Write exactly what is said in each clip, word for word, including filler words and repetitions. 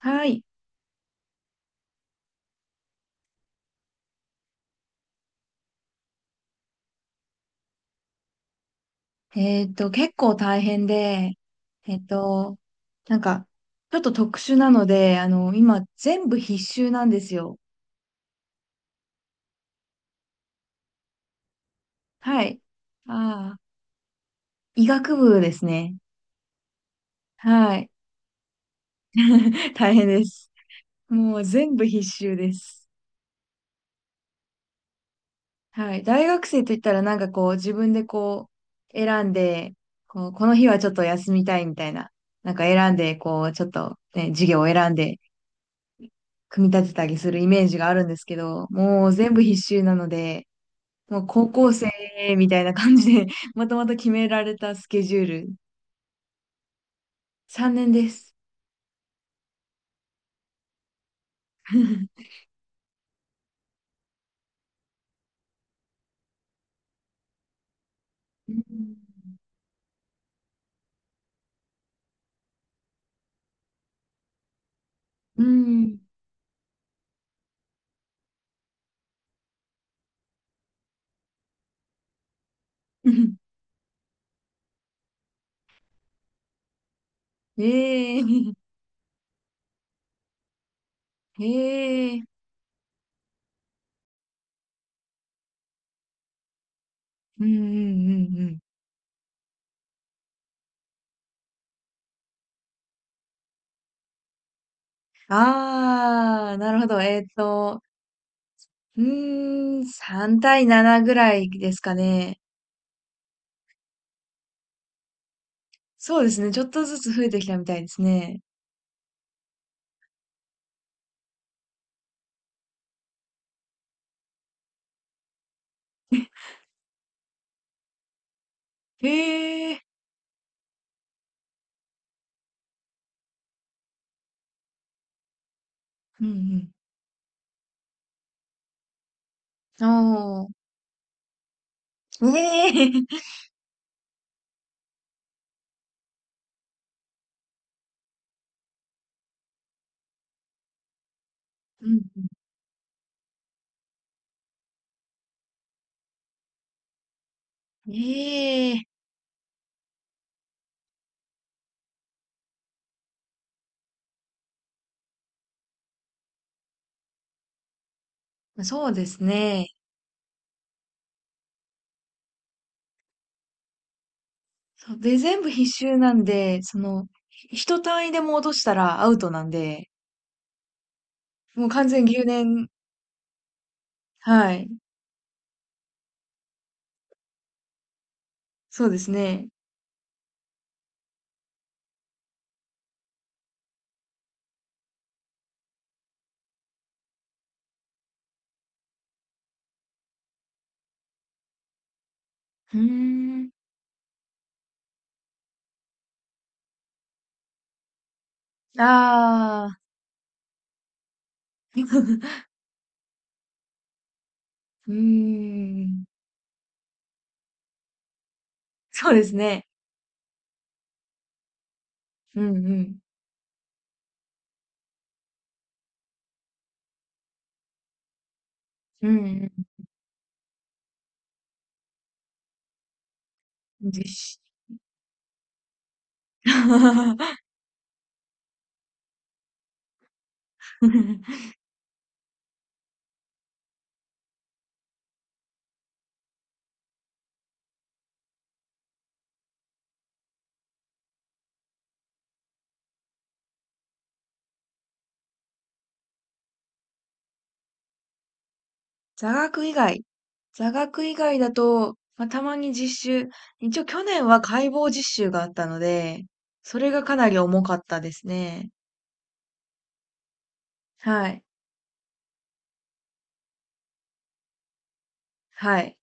はい。えっと、結構大変で、えっと、なんか、ちょっと特殊なので、あの、今、全部必修なんですよ。はい。ああ、医学部ですね。はい。大変です。もう全部必修です。はい。大学生といったら、なんかこう、自分でこう、選んで、こう、この日はちょっと休みたいみたいな、なんか選んで、こう、ちょっと、ね、授業を選んで組み立てたりするイメージがあるんですけど、もう全部必修なので、もう高校生みたいな感じで まとまと決められたスケジュール、さんねんです。うん。うん。うん、ええー。ええー。うんうんうんうん。ああ、なるほど。えっと、うーん、さん対ななぐらいですかね。そうですね。ちょっとずつ増えてきたみたいですね。ええー。うんうん。おー。ええ、うんうん。ええ、まそうですね。そうで、全部必修なんで、その、一単位でも落としたらアウトなんで、もう完全留年、はい。そうですね。うーん。ああ。うーん。そうですね。うんうん。うんうん。実施。座学以外。座学以外だと、まあ、たまに実習。一応去年は解剖実習があったので、それがかなり重かったですね。はい。はい。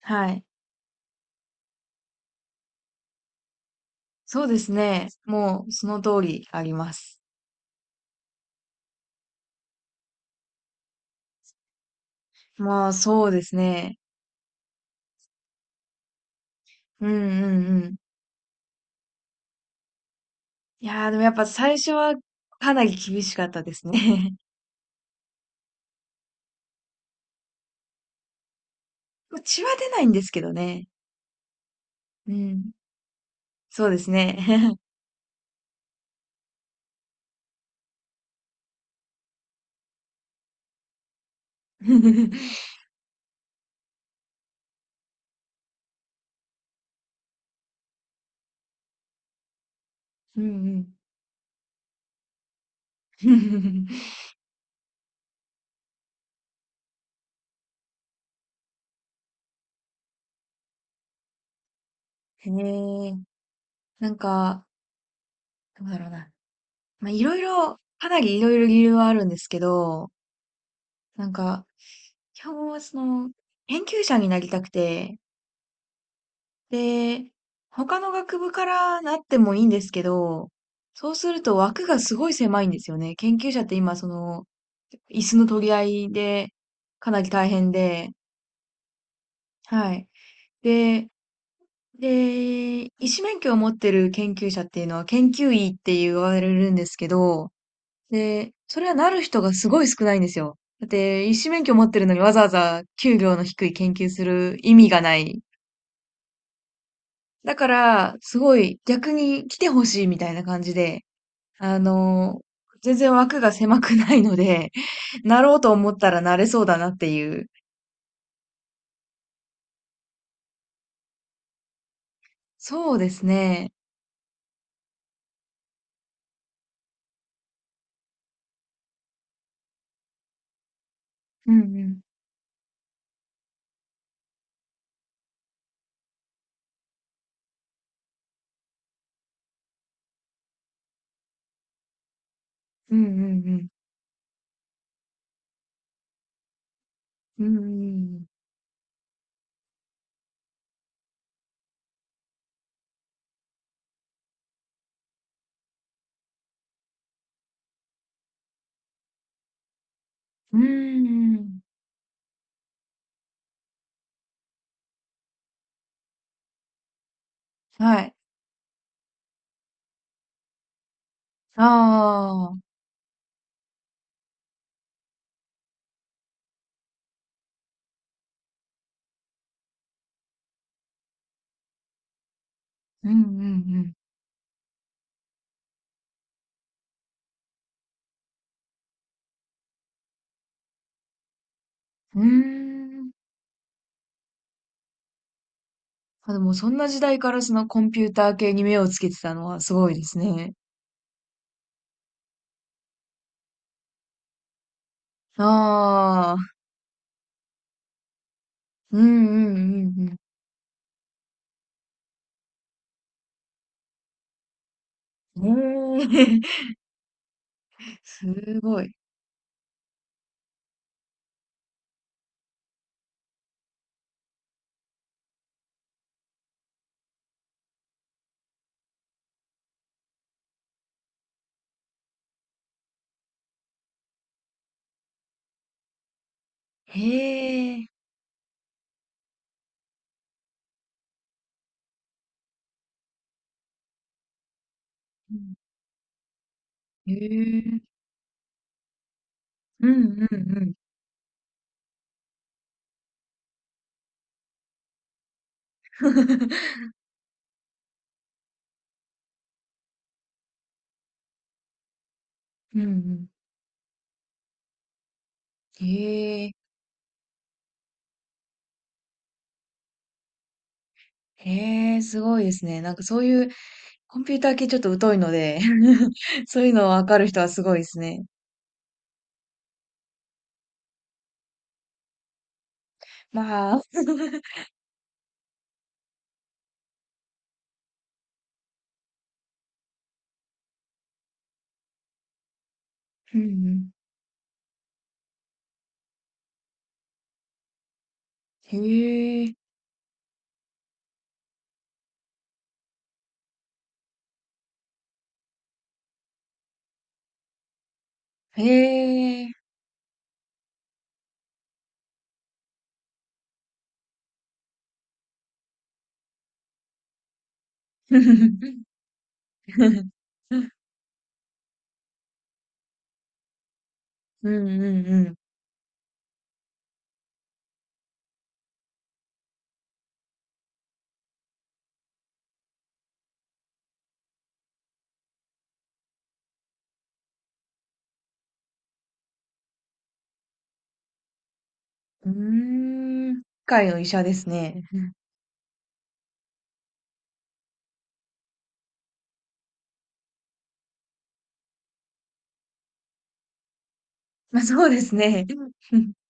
はい。そうですね。もうその通りあります。まあそうですね。うんうんうん。いやーでもやっぱ最初はかなり厳しかったですね。まあ血は出ないんですけどね。うん。そうですね。うんうん。へえ。なんか、どうだろうな。まあ、いろいろ、かなりいろいろ理由はあるんですけど、なんか、基本はその、研究者になりたくて、で、他の学部からなってもいいんですけど、そうすると枠がすごい狭いんですよね。研究者って今、その、椅子の取り合いで、かなり大変で、はい。で、で、医師免許を持ってる研究者っていうのは研究医って言われるんですけど、で、それはなる人がすごい少ないんですよ。だって、医師免許持ってるのにわざわざ給料の低い研究する意味がない。だから、すごい逆に来てほしいみたいな感じで、あの、全然枠が狭くないので、なろうと思ったらなれそうだなっていう。そうですね。うんうん。うんうんうん。うんうんうん。はい。ああ。うんうんうん。うーん。あ、でもそんな時代からそのコンピューター系に目をつけてたのはすごいですね。ああ、うんうんうんうん。ええ すごい。へえ、うん、へえ、うんうんうん。うんうん。へえ、へえ、すごいですね。なんかそういうコンピューター系ちょっと疎いので そういうのわかる人はすごいですね。まあ、うんうん。へえ、へえ。うんうんうん。うーん。世界の医者ですね。うん、まあそうですね。うん